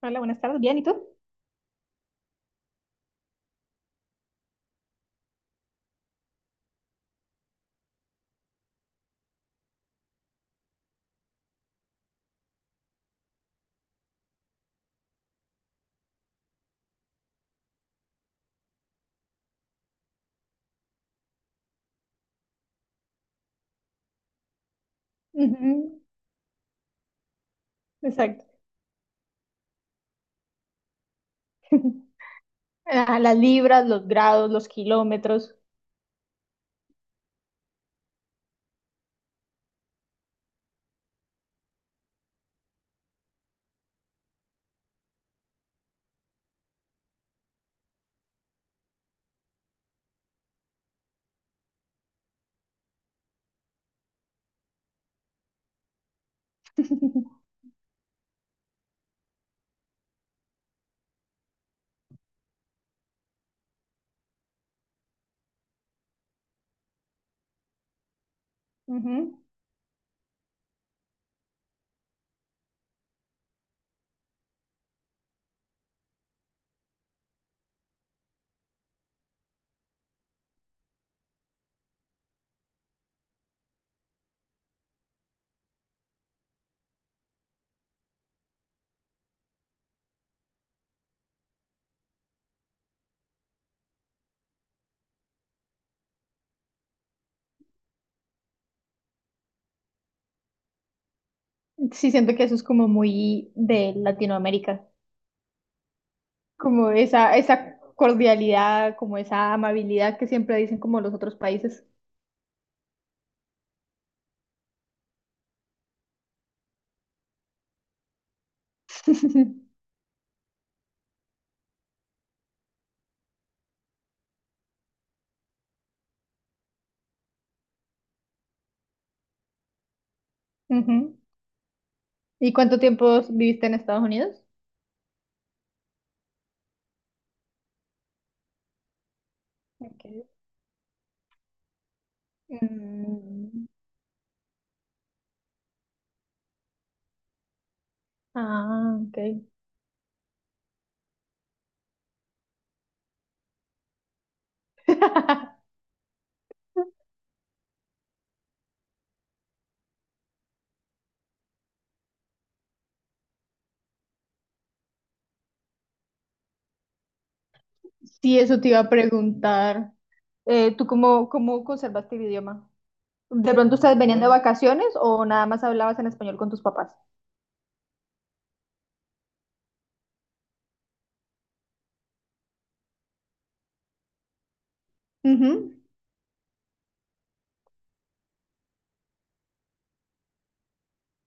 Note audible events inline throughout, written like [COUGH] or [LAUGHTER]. Hola, buenas tardes. ¿Bien? ¿Y tú? Ujú. Exacto. [LAUGHS] Ah, las libras, los grados, los kilómetros. [LAUGHS] Ujú. Sí, siento que eso es como muy de Latinoamérica, como esa cordialidad, como esa amabilidad que siempre dicen como los otros países. Ujú. ¿Y cuánto tiempo viviste en Estados Unidos? Ok. Mm, ah, ok. [LAUGHS] Sí, eso te iba a preguntar. ¿Tú cómo conservaste el idioma? ¿De pronto ustedes venían de vacaciones o nada más hablabas en español con tus papás? Ujú.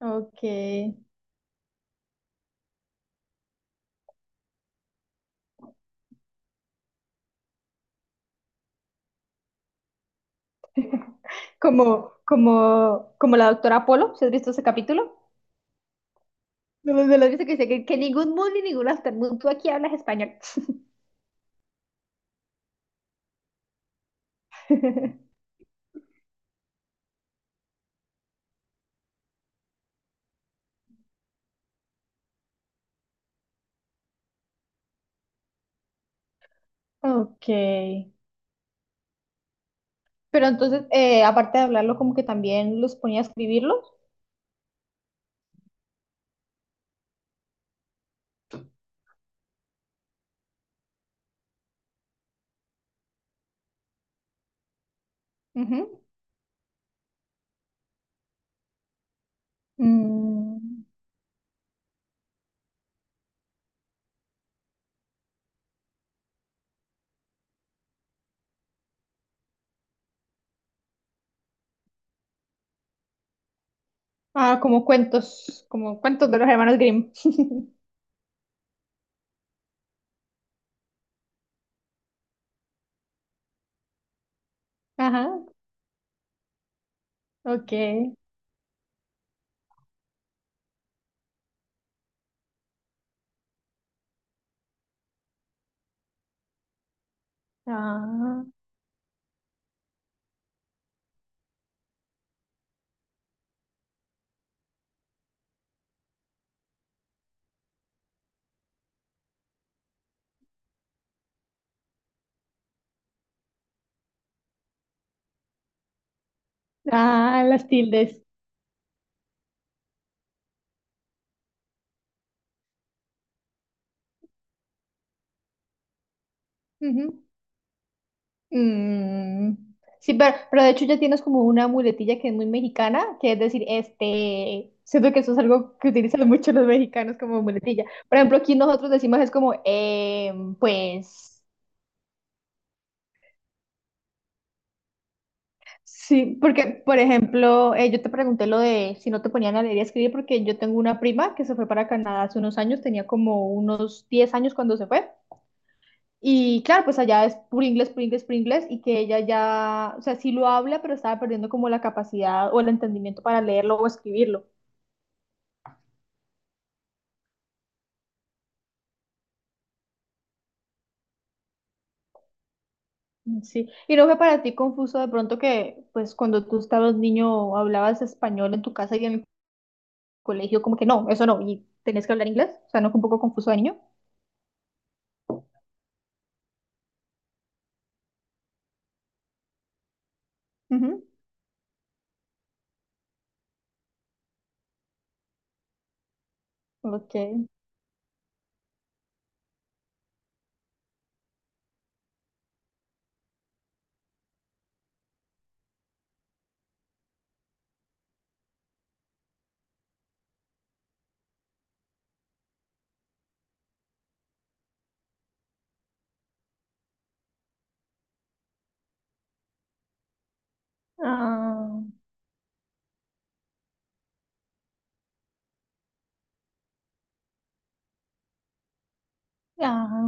Ok. [LAUGHS] Como la doctora Apolo, ¿sí has visto ese capítulo? No, me lo dice que dice que ningún mundo ni ningún aftermundo, tú aquí hablas español. [LAUGHS] Ok. Pero entonces, aparte de hablarlo, como que también los ponía a escribirlos. Ujú. Mm. Ah, como cuentos de los hermanos Grimm. [LAUGHS] Ajá, ok. Ah, las tildes. Ujú. Mm. Sí, pero de hecho ya tienes como una muletilla que es muy mexicana, que es decir, este, siento que eso es algo que utilizan [LAUGHS] mucho los mexicanos como muletilla. Por ejemplo, aquí nosotros decimos es como, pues, sí, porque, por ejemplo, yo te pregunté lo de si no te ponían a leer y a escribir, porque yo tengo una prima que se fue para Canadá hace unos años, tenía como unos 10 años cuando se fue. Y claro, pues allá es puro inglés, puro inglés, puro inglés, y que ella ya, o sea, sí lo habla, pero estaba perdiendo como la capacidad o el entendimiento para leerlo o escribirlo. Mm. Sí. Y no fue para ti confuso de pronto que, pues, cuando tú estabas niño, hablabas español en tu casa y en el colegio, como que no, eso no, y tenías que hablar inglés. O sea, no fue un poco confuso de niño. Ujú. Ok. Ah, ah,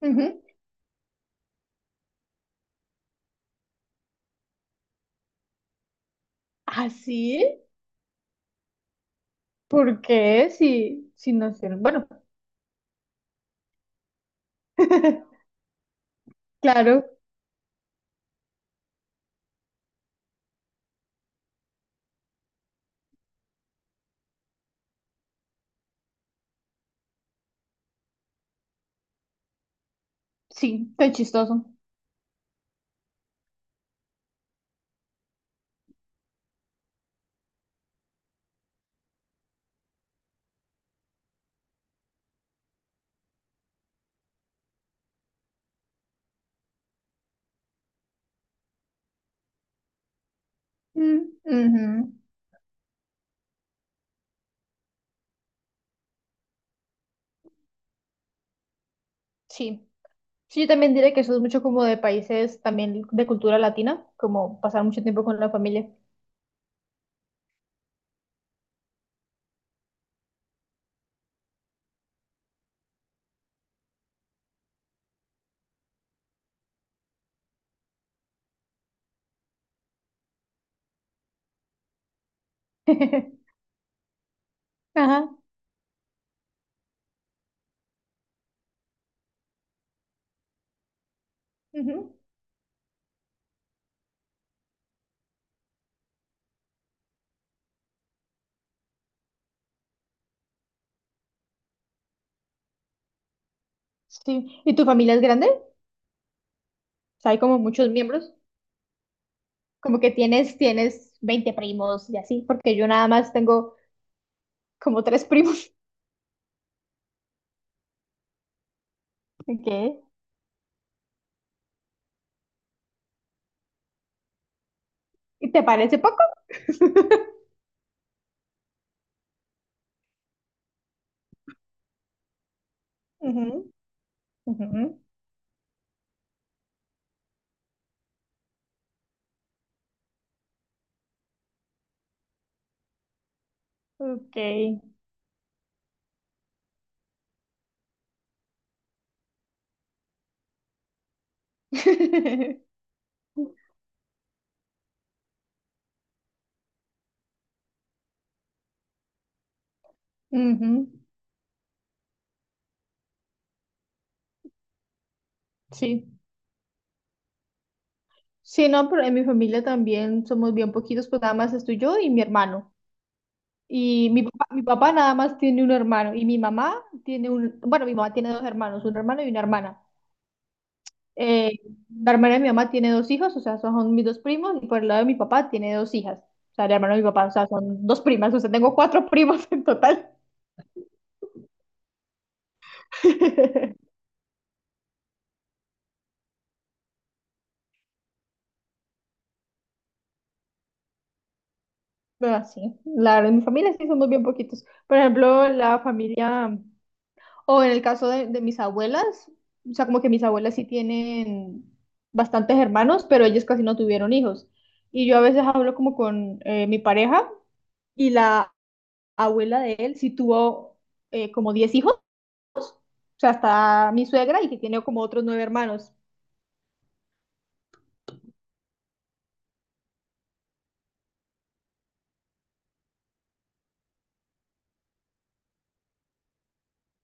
ujú. ¿Ah, sí? ¿Por qué? Si, si no sé. Bueno, [LAUGHS] claro, sí, tan chistoso. Mm, ujú. Sí. Sí, yo también diría que eso es mucho como de países también de cultura latina, como pasar mucho tiempo con la familia. [LAUGHS] Ajá. Ujú. Sí. ¿Y tu familia es grande? O sea, hay como muchos miembros. Como que tienes 20 primos y así, porque yo nada más tengo como tres primos. [LAUGHS] ¿Qué? ¿Y te parece poco? [LAUGHS] Ujú, ujú. Ok. [LAUGHS] Ujú. Sí. Sí, no, pero en mi familia también somos bien poquitos, pues nada más estoy yo y mi hermano. Y mi papá nada más tiene un hermano y mi mamá tiene un, bueno, mi mamá tiene dos hermanos, un hermano y una hermana. Eh, la hermana de mi mamá tiene dos hijos, o sea, son mis dos primos, y por el lado de mi papá tiene dos hijas, o sea, el hermano de mi papá, o sea, son dos primas, o sea, tengo cuatro [LAUGHS] primos en total. [LAUGHS] Pero sí, la verdad, en mi familia sí somos bien poquitos. Por ejemplo, la familia... O en el caso de mis abuelas, o sea, como que mis abuelas sí tienen bastantes hermanos, pero ellos casi no tuvieron hijos. Y yo a veces hablo como con mi pareja y la abuela de él sí tuvo como 10 hijos, o sea, está mi suegra y que tiene como otros nueve hermanos.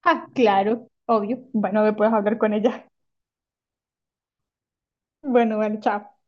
Ah, claro, obvio. Bueno, me puedes hablar con ella. Bueno, bueno, chao.